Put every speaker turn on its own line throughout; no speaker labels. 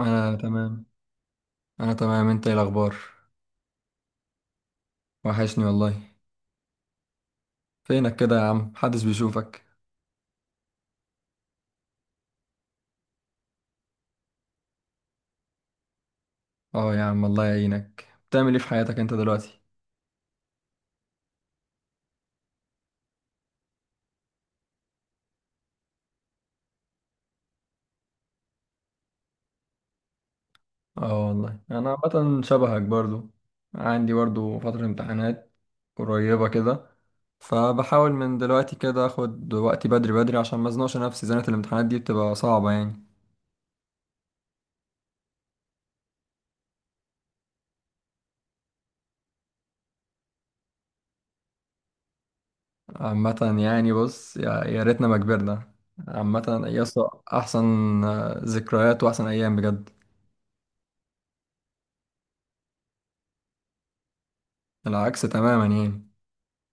انا تمام انا تمام، انت ايه الاخبار؟ وحشني والله. فينك كده يا عم؟ محدش بيشوفك. اه يا عم، الله يعينك. بتعمل ايه في حياتك انت دلوقتي؟ اه والله، انا عامه شبهك برضو. عندي برضو فتره امتحانات قريبه كده. فبحاول من دلوقتي كده اخد وقتي بدري بدري عشان ما ازنقش نفسي. زنقه الامتحانات دي بتبقى صعبه يعني. عامه. يعني بص، يا ريتنا ما كبرنا. عامه، يا اسطى احسن. آه، ذكريات واحسن ايام بجد. العكس تماما يعني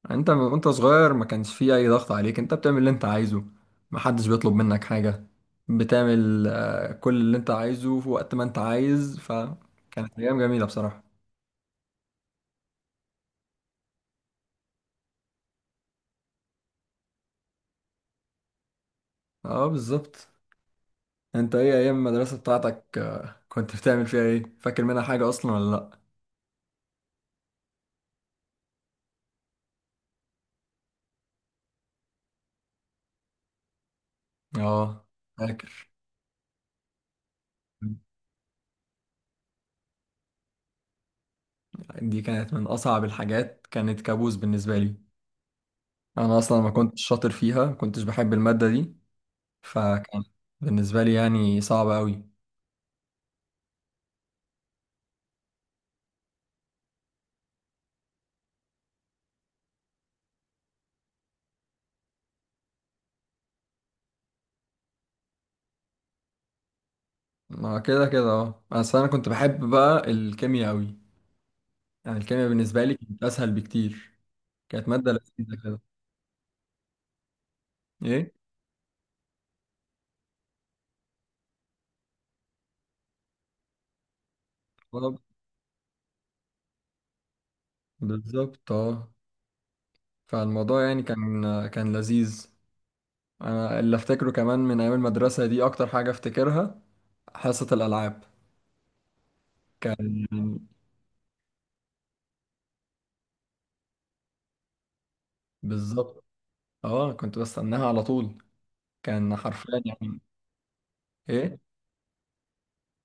يعني وانت صغير ما كانش فيه اي ضغط عليك، انت بتعمل اللي انت عايزه. محدش بيطلب منك حاجة. بتعمل كل اللي انت عايزه في وقت ما انت عايز. فكانت ايام جميلة بصراحة. اه بالظبط. انت ايه، ايام المدرسة بتاعتك كنت بتعمل فيها ايه؟ فاكر منها حاجة اصلا ولا لا؟ اه، فاكر. دي كانت من اصعب الحاجات، كانت كابوس بالنسبة لي. انا اصلا ما كنتش شاطر فيها، ما كنتش بحب المادة دي. فكان بالنسبة لي يعني صعبة قوي. ما كده كده اه، بس انا كنت بحب بقى الكيمياء قوي. يعني الكيمياء بالنسبه لي كانت اسهل بكتير. كانت ماده لذيذه كده. ايه. آه، بالظبط اه. فالموضوع يعني كان لذيذ. انا اللي افتكره كمان من ايام المدرسه دي، اكتر حاجه افتكرها حصه الالعاب. كان. بالظبط اه، كنت بستناها على طول. كان حرفيا يعني. ايه.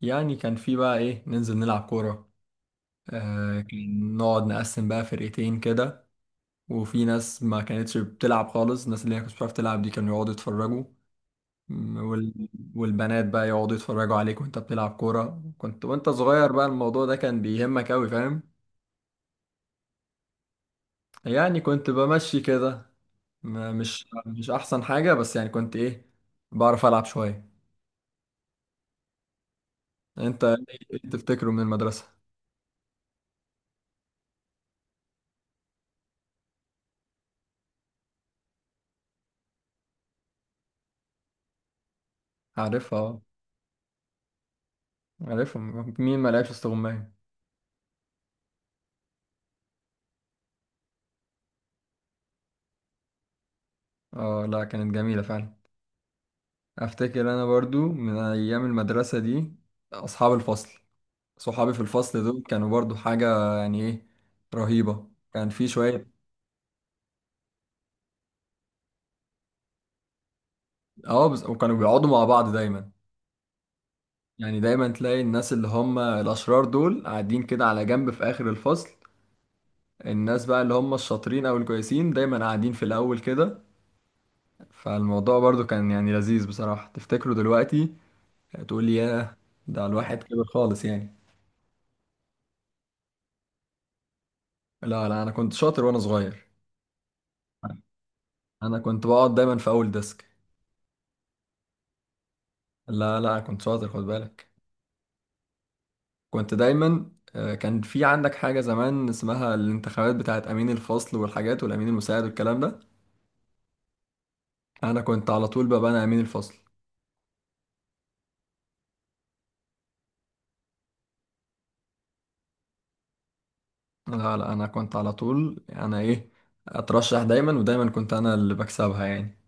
يعني كان في بقى ايه، ننزل نلعب كوره. آه، كان نقعد نقسم بقى فرقتين كده. وفي ناس ما كانتش بتلعب خالص، الناس اللي هي كانت بتعرف تلعب دي كانوا يقعدوا يتفرجوا. م، وال... والبنات بقى يقعدوا يتفرجوا عليك وانت بتلعب كورة. كنت وانت صغير بقى الموضوع ده كان بيهمك أوي، فاهم؟ يعني كنت بمشي كده. مش أحسن حاجة، بس يعني كنت إيه، بعرف ألعب شوية. انت ايه؟ إيه تفتكره من المدرسة؟ عارفها اه. عارفها. مين ما لعبش استغماية؟ اه لا، كانت جميلة فعلا. افتكر انا برضو من ايام المدرسة دي، اصحاب الفصل. صحابي في الفصل دول كانوا برضو حاجة يعني ايه، رهيبة. كان في شوية. اه بس، وكانوا بيقعدوا مع بعض دايما. يعني دايما تلاقي الناس اللي هم الأشرار دول قاعدين كده على جنب في آخر الفصل. الناس بقى اللي هم الشاطرين أو الكويسين دايما قاعدين في الأول كده. فالموضوع برضو كان يعني لذيذ بصراحة، تفتكره دلوقتي تقول لي ياه، ده الواحد كبر خالص يعني. لا لا، أنا كنت شاطر وأنا صغير. أنا كنت بقعد دايما في أول ديسك. لا لا، كنت شاطر خد بالك. كنت دايما كان في عندك حاجة زمان اسمها الانتخابات بتاعت أمين الفصل والحاجات والأمين المساعد والكلام ده. أنا كنت على طول بقى أنا أمين الفصل. لا لا، أنا كنت على طول أنا إيه، أترشح دايما. ودايما كنت أنا اللي بكسبها يعني.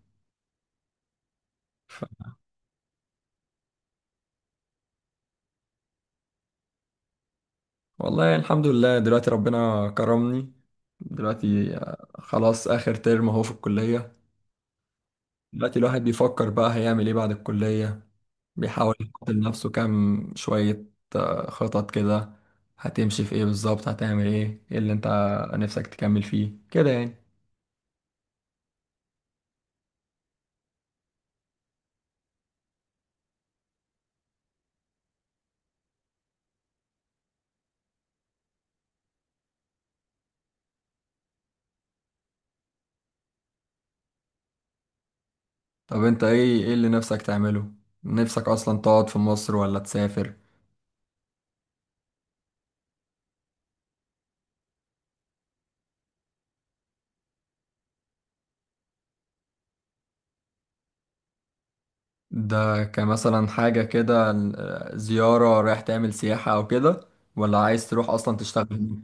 والله الحمد لله، دلوقتي ربنا كرمني. دلوقتي خلاص آخر ترم أهو في الكلية. دلوقتي الواحد بيفكر بقى هيعمل إيه بعد الكلية. بيحاول يحط لنفسه كام شوية خطط كده. هتمشي في ايه بالظبط؟ هتعمل ايه؟ ايه اللي انت نفسك تكمل فيه كده يعني؟ طب انت ايه؟ ايه اللي نفسك تعمله؟ نفسك اصلا تقعد في مصر ولا تسافر؟ ده كمثلا حاجة كده زيارة، رايح تعمل سياحة او كده، ولا عايز تروح اصلا تشتغل؟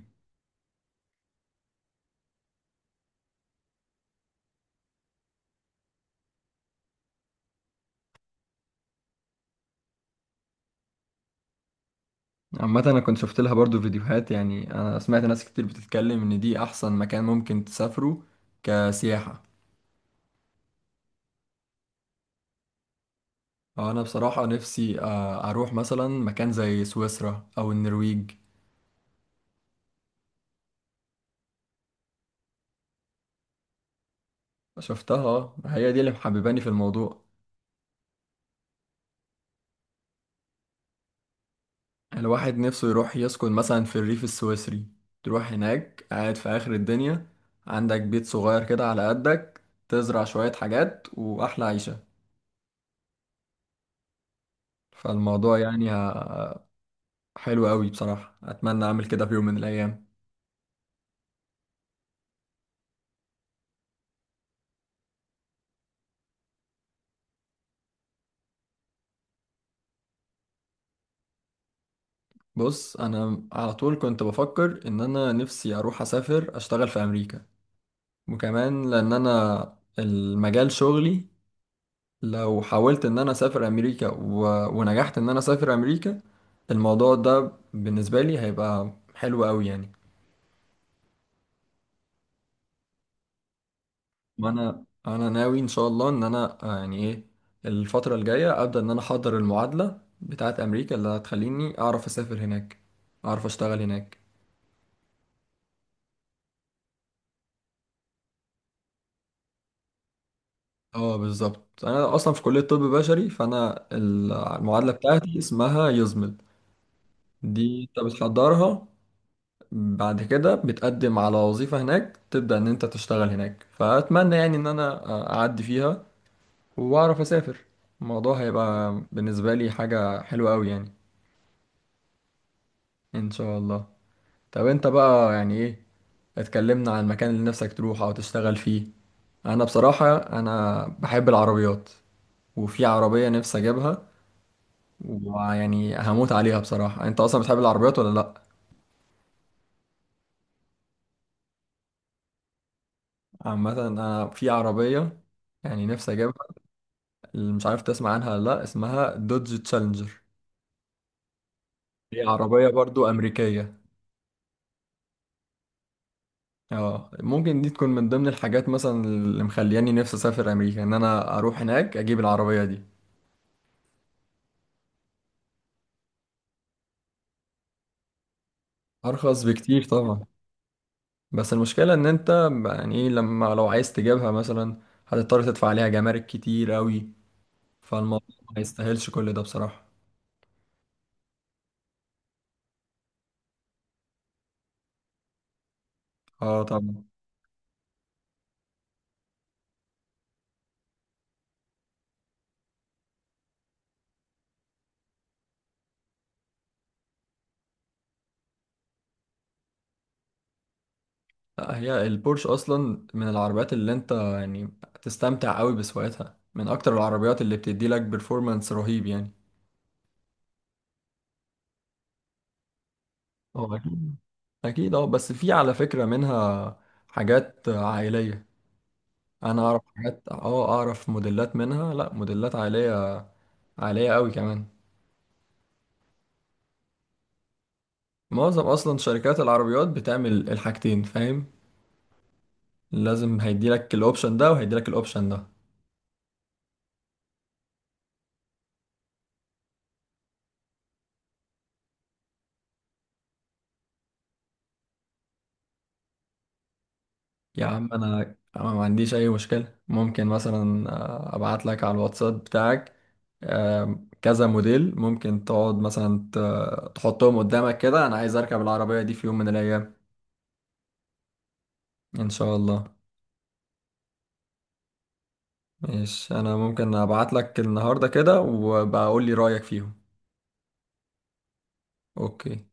عامة انا كنت شفت لها برضو فيديوهات. يعني انا سمعت ناس كتير بتتكلم ان دي احسن مكان ممكن تسافره كسياحة. انا بصراحة نفسي اروح مثلا مكان زي سويسرا او النرويج. شفتها، هي دي اللي محبباني في الموضوع. الواحد نفسه يروح يسكن مثلا في الريف السويسري. تروح هناك قاعد في اخر الدنيا، عندك بيت صغير كده على قدك، تزرع شوية حاجات، واحلى عيشة. فالموضوع يعني حلو قوي بصراحة، اتمنى اعمل كده في يوم من الايام. بص، انا على طول كنت بفكر ان انا نفسي اروح اسافر اشتغل في امريكا. وكمان لان انا المجال شغلي، لو حاولت ان انا اسافر امريكا ونجحت ان انا اسافر امريكا، الموضوع ده بالنسبه لي هيبقى حلو قوي يعني. وانا ناوي ان شاء الله ان انا يعني ايه، الفتره الجايه ابدا ان انا احضر المعادله بتاعه امريكا اللي هتخليني اعرف اسافر هناك، اعرف اشتغل هناك. اه بالظبط، انا اصلا في كليه طب بشري، فانا المعادله بتاعتي اسمها يزمل. دي انت بتحضرها، بعد كده بتقدم على وظيفة هناك، تبدأ إن أنت تشتغل هناك. فأتمنى يعني إن أنا أعدي فيها، وأعرف أسافر. الموضوع هيبقى بالنسبة لي حاجة حلوة أوي يعني. إن شاء الله. طب أنت بقى يعني إيه، اتكلمنا عن المكان اللي نفسك تروح أو تشتغل فيه. أنا بصراحة بحب العربيات، وفي عربية نفسي أجيبها ويعني هموت عليها بصراحة. أنت أصلا بتحب العربيات ولا لأ؟ عامة أنا في عربية يعني نفسي أجيبها، اللي مش عارف تسمع عنها ولا لا، اسمها دوج تشالنجر. هي عربية برضو أمريكية. اه، ممكن دي تكون من ضمن الحاجات مثلا اللي مخلياني نفسي أسافر أمريكا، إن أنا أروح هناك أجيب العربية دي. أرخص بكتير طبعا. بس المشكلة إن أنت يعني إيه، لما لو عايز تجيبها مثلا هتضطر تدفع عليها جمارك كتير أوي. فالموضوع ما يستاهلش كل ده بصراحة. اه طبعا. لا، هي البورش أصلا من العربيات اللي أنت يعني تستمتع أوي بسواقتها، من أكتر العربيات اللي بتدي لك بيرفورمانس رهيب يعني. اه اكيد اكيد، اه بس في على فكرة منها حاجات عائلية. انا اعرف حاجات، اه اعرف موديلات منها، لا موديلات عائلية. عائلية قوي كمان. معظم اصلا شركات العربيات بتعمل الحاجتين، فاهم؟ لازم هيديلك الاوبشن ده وهيديلك الاوبشن ده. يا عم، انا ما عنديش اي مشكلة. ممكن مثلا ابعت لك على الواتساب بتاعك. كذا موديل، ممكن تقعد مثلا تحطهم قدامك كده. انا عايز اركب العربية دي في يوم من الايام. ان شاء الله. ماشي، انا ممكن ابعت لك النهارده كده وبقول لي رايك فيهم. اوكي.